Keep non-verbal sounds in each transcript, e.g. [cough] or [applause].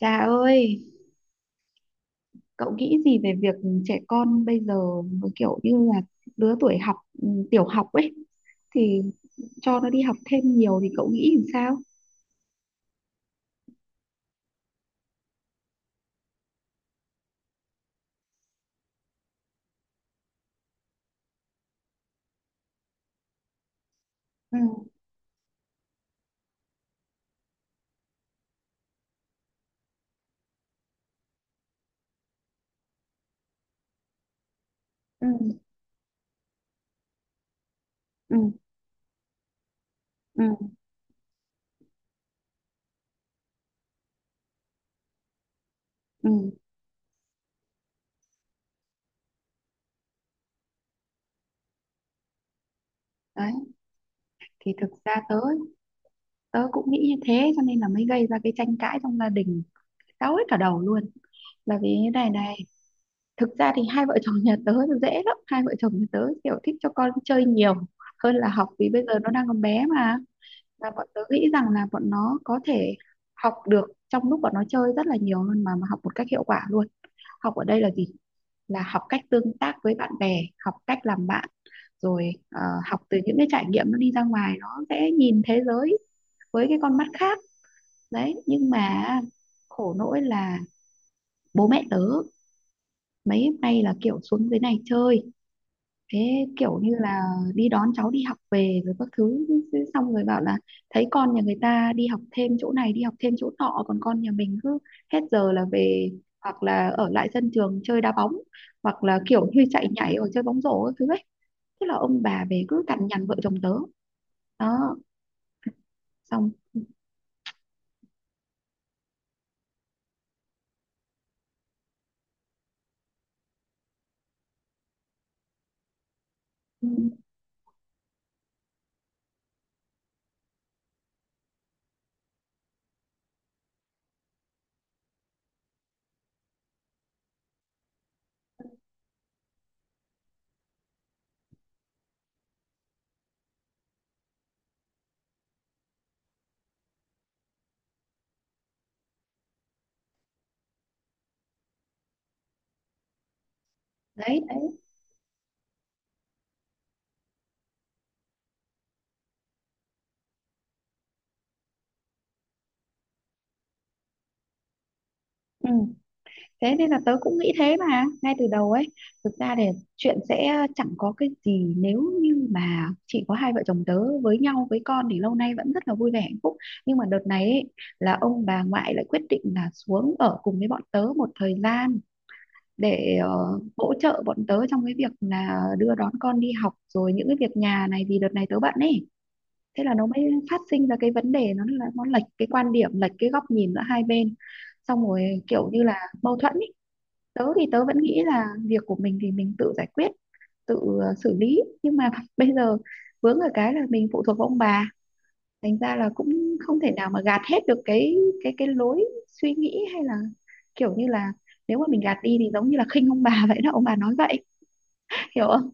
Dạ ơi, cậu nghĩ gì về việc trẻ con bây giờ nó kiểu như là lứa tuổi học tiểu học ấy thì cho nó đi học thêm nhiều thì cậu nghĩ làm sao? Ừ, ừ, ừ, ừ, ừ. Đấy, thì thực ra tớ tớ cũng nghĩ như thế cho nên là mới gây ra cái tranh cãi trong gia đình, cáu hết cả đầu luôn. Là vì thế này này, thực ra thì hai vợ chồng nhà tớ nó dễ lắm, hai vợ chồng nhà tớ kiểu thích cho con chơi nhiều hơn là học vì bây giờ nó đang còn bé mà, và bọn tớ nghĩ rằng là bọn nó có thể học được trong lúc bọn nó chơi rất là nhiều hơn mà học một cách hiệu quả luôn. Học ở đây là gì? Là học cách tương tác với bạn bè, học cách làm bạn, rồi học từ những cái trải nghiệm, nó đi ra ngoài nó sẽ nhìn thế giới với cái con mắt khác. Đấy, nhưng mà khổ nỗi là bố mẹ tớ mấy hôm nay là kiểu xuống dưới này chơi, thế kiểu như là đi đón cháu đi học về rồi các thứ, xong rồi bảo là thấy con nhà người ta đi học thêm chỗ này đi học thêm chỗ nọ, còn con nhà mình cứ hết giờ là về, hoặc là ở lại sân trường chơi đá bóng, hoặc là kiểu như chạy nhảy hoặc chơi bóng rổ các thứ ấy. Thế là ông bà về cứ cằn nhằn vợ chồng tớ. Đó, xong. Ừ, đấy đấy, ừ. Thế nên là tớ cũng nghĩ thế mà ngay từ đầu ấy. Thực ra thì chuyện sẽ chẳng có cái gì, nếu như mà chỉ có hai vợ chồng tớ với nhau với con thì lâu nay vẫn rất là vui vẻ hạnh phúc. Nhưng mà đợt này ấy, là ông bà ngoại lại quyết định là xuống ở cùng với bọn tớ một thời gian để hỗ trợ bọn tớ trong cái việc là đưa đón con đi học rồi những cái việc nhà này, vì đợt này tớ bận ấy. Thế là nó mới phát sinh ra cái vấn đề, nó là nó lệch cái quan điểm, lệch cái góc nhìn giữa hai bên, xong rồi kiểu như là mâu thuẫn ý. Tớ thì tớ vẫn nghĩ là việc của mình thì mình tự giải quyết, tự xử lý, nhưng mà [laughs] bây giờ vướng ở cái là mình phụ thuộc vào ông bà, thành ra là cũng không thể nào mà gạt hết được cái cái lối suy nghĩ, hay là kiểu như là nếu mà mình gạt đi thì giống như là khinh ông bà [laughs] vậy đó, ông bà nói vậy, hiểu không?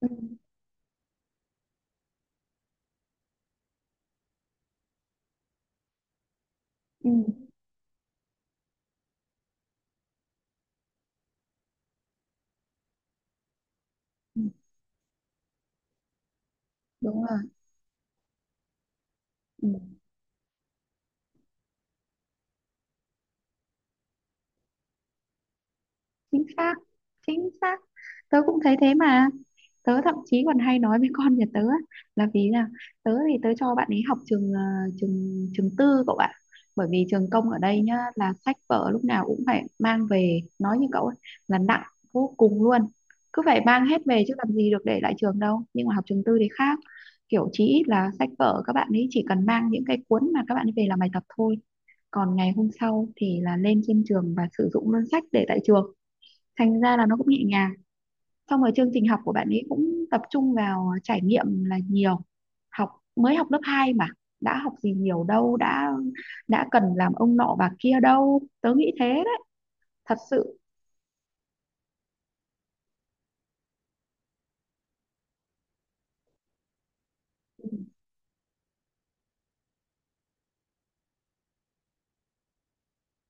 Ừ, ừ, ừ, đúng rồi, ừ. Chính xác, chính xác. Tớ cũng thấy thế mà, tớ thậm chí còn hay nói với con nhà tớ á, là vì là tớ thì tớ cho bạn ấy học trường trường trường tư cậu ạ. Bởi vì trường công ở đây nhá là sách vở lúc nào cũng phải mang về, nói như cậu ấy, là nặng vô cùng luôn, cứ phải mang hết về chứ làm gì được để lại trường đâu. Nhưng mà học trường tư thì khác, kiểu chí ít là sách vở các bạn ấy chỉ cần mang những cái cuốn mà các bạn ấy về làm bài tập thôi, còn ngày hôm sau thì là lên trên trường và sử dụng luôn sách để tại trường, thành ra là nó cũng nhẹ nhàng. Xong rồi chương trình học của bạn ấy cũng tập trung vào trải nghiệm là nhiều. Học mới học lớp 2 mà đã học gì nhiều đâu, đã cần làm ông nọ bà kia đâu, tớ nghĩ thế đấy, thật sự.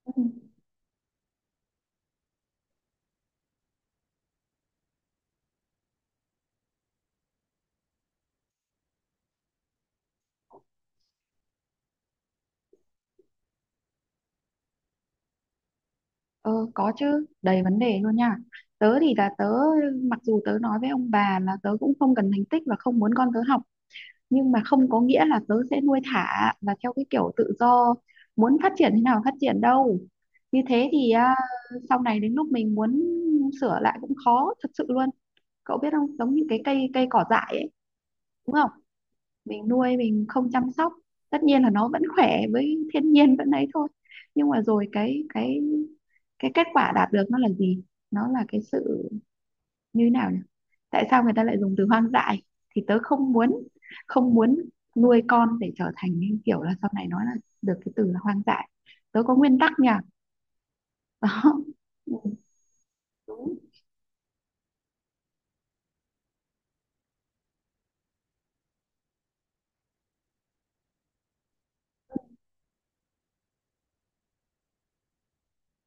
Ừ, ờ, có chứ, đầy vấn đề luôn nha. Tớ thì là tớ, mặc dù tớ nói với ông bà là tớ cũng không cần thành tích và không muốn con tớ học, nhưng mà không có nghĩa là tớ sẽ nuôi thả và theo cái kiểu tự do muốn phát triển thế nào phát triển đâu. Như thế thì à, sau này đến lúc mình muốn sửa lại cũng khó thật sự luôn. Cậu biết không, giống như cái cây, cây cỏ dại ấy, đúng không? Mình nuôi mình không chăm sóc, tất nhiên là nó vẫn khỏe với thiên nhiên vẫn ấy thôi, nhưng mà rồi cái cái kết quả đạt được nó là gì? Nó là cái sự như thế nào nhỉ, tại sao người ta lại dùng từ hoang dại? Thì tớ không muốn, không muốn nuôi con để trở thành những kiểu là sau này nói là được cái từ là hoang dại. Tớ có nguyên tắc nhỉ. Đó. Ừ, đúng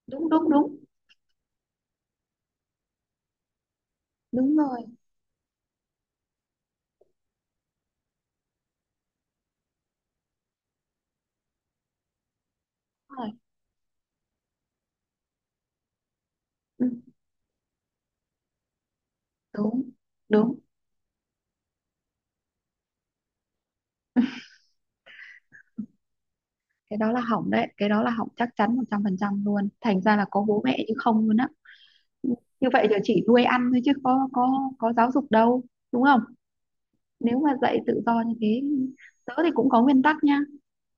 đúng đúng đúng, đúng rồi, đúng rồi, ừ, đúng đúng. Cái đó là hỏng đấy, cái đó là hỏng chắc chắn 100% luôn, thành ra là có bố mẹ chứ không luôn á. Ừ, như vậy giờ chỉ nuôi ăn thôi chứ có có giáo dục đâu, đúng không? Nếu mà dạy tự do như thế, tớ thì cũng có nguyên tắc nha.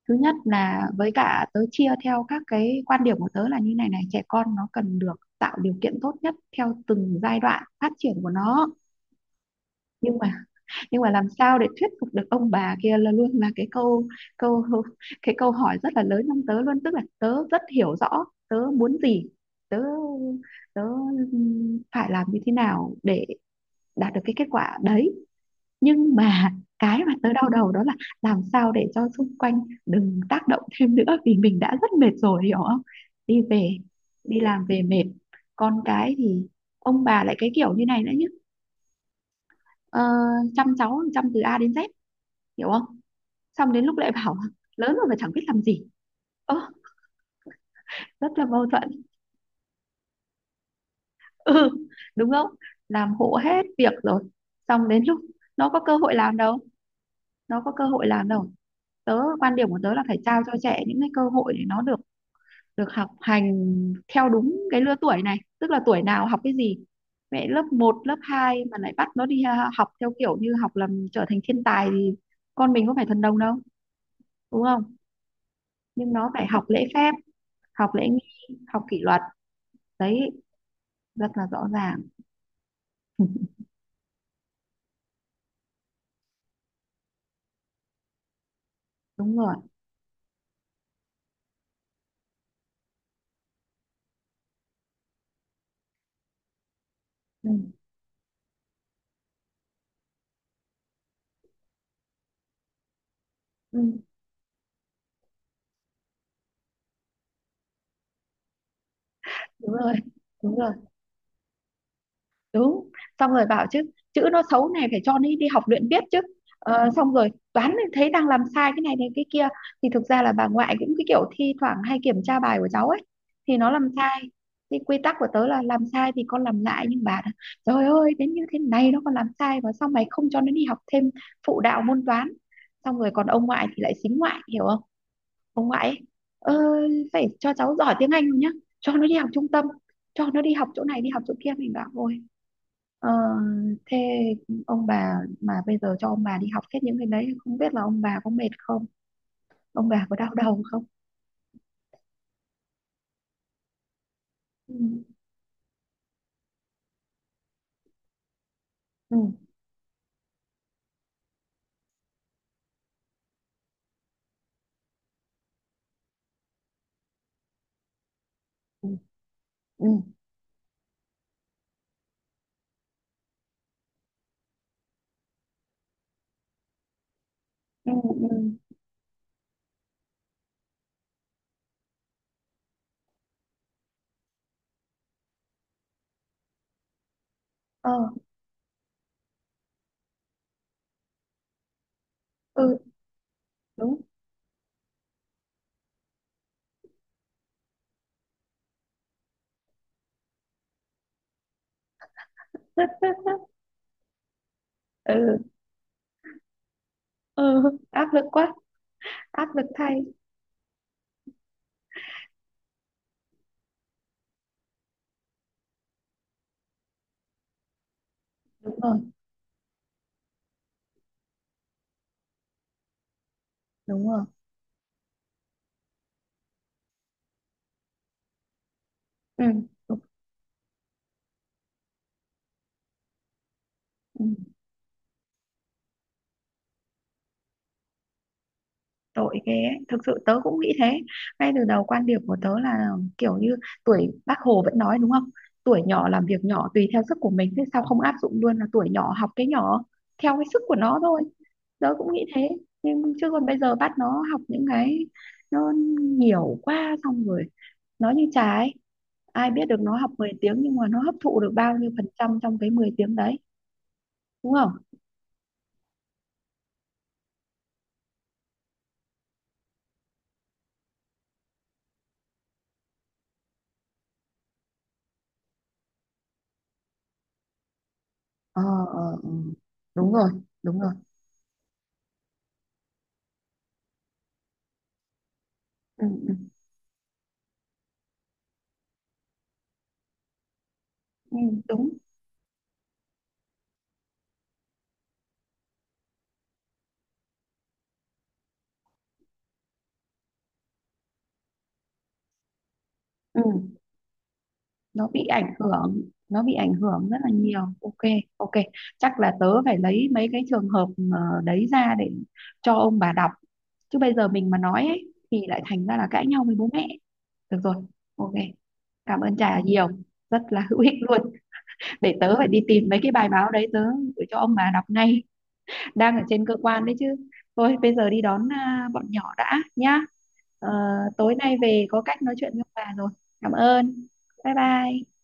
Thứ nhất là với cả tớ chia theo các cái quan điểm của tớ là như này này: trẻ con nó cần được tạo điều kiện tốt nhất theo từng giai đoạn phát triển của nó. Nhưng mà, làm sao để thuyết phục được ông bà kia là luôn là cái câu, câu cái câu hỏi rất là lớn trong tớ luôn. Tức là tớ rất hiểu rõ tớ muốn gì, tớ tớ phải làm như thế nào để đạt được cái kết quả đấy, nhưng mà cái mà tớ đau đầu đó là làm sao để cho xung quanh đừng tác động thêm nữa, vì mình đã rất mệt rồi, hiểu không? Đi về, đi làm về mệt, con cái thì ông bà lại cái kiểu như này nữa chứ. ờ, Chăm cháu chăm từ A đến Z, hiểu không, xong đến lúc lại bảo lớn rồi mà chẳng biết làm gì. Ơ, rất là mâu thuẫn. [laughs] Ừ, đúng không? Làm hộ hết việc rồi, xong đến lúc nó có cơ hội làm đâu, nó có cơ hội làm đâu. Tớ quan điểm của tớ là phải trao cho trẻ những cái cơ hội để nó được được học hành theo đúng cái lứa tuổi này, tức là tuổi nào học cái gì. Mẹ lớp 1, lớp 2 mà lại bắt nó đi học theo kiểu như học làm trở thành thiên tài thì con mình có phải thần đồng đâu, đúng không? Nhưng nó phải học lễ phép, học lễ nghi, học kỷ luật. Đấy, rất là rõ ràng. [laughs] Đúng rồi, ừ. Ừ. Đúng rồi, đúng rồi, đúng. Xong rồi bảo chứ chữ nó xấu này, phải cho nó đi học luyện viết chứ. Ờ, xong rồi toán thì thấy đang làm sai cái này này cái kia, thì thực ra là bà ngoại cũng cái kiểu thi thoảng hay kiểm tra bài của cháu ấy, thì nó làm sai. Thì quy tắc của tớ là làm sai thì con làm lại, nhưng bà nói, "Trời ơi, đến như thế này nó còn làm sai, và sao mày không cho nó đi học thêm phụ đạo môn toán." Xong rồi còn ông ngoại thì lại xính ngoại, hiểu không? Ông ngoại ấy, "Ơ, phải cho cháu giỏi tiếng Anh nhá, cho nó đi học trung tâm, cho nó đi học chỗ này đi học chỗ kia." Mình bảo, "Ôi, ờ, thế ông bà mà bây giờ cho ông bà đi học hết những cái đấy không biết là ông bà có mệt không, ông bà có đau đầu không?" Ừ, ừ, ừ, ừ, ừ, ừ, ờ, ừ, đúng. [laughs] Ừ, ừ, áp lực quá, áp lực thay. Đúng rồi, đúng rồi, ừ, đúng. Tội ghê ấy. Thực sự tớ cũng nghĩ thế. Ngay từ đầu quan điểm của tớ là kiểu như tuổi, bác Hồ vẫn nói đúng không, tuổi nhỏ làm việc nhỏ tùy theo sức của mình, thế sao không áp dụng luôn là tuổi nhỏ học cái nhỏ theo cái sức của nó thôi, tớ cũng nghĩ thế. Nhưng chứ còn bây giờ bắt nó học những cái nó nhiều quá, xong rồi nó như Trà ấy, ai biết được nó học 10 tiếng nhưng mà nó hấp thụ được bao nhiêu phần trăm trong cái 10 tiếng đấy, đúng không? Ờ, ờ, ừ. Đúng rồi, đúng rồi, ừ, ừ. Ừ, đúng, ừ. Nó bị ảnh hưởng, nó bị ảnh hưởng rất là nhiều, ok. Ok, chắc là tớ phải lấy mấy cái trường hợp đấy ra để cho ông bà đọc, chứ bây giờ mình mà nói ấy, thì lại thành ra là cãi nhau với bố mẹ. Được rồi, ok, cảm ơn Trà nhiều, rất là hữu ích luôn. Để tớ phải đi tìm mấy cái bài báo đấy, tớ gửi cho ông bà đọc ngay, đang ở trên cơ quan đấy chứ. Thôi bây giờ đi đón bọn nhỏ đã nhá. Ờ, tối nay về có cách nói chuyện với ông bà rồi. Cảm ơn, bye bye.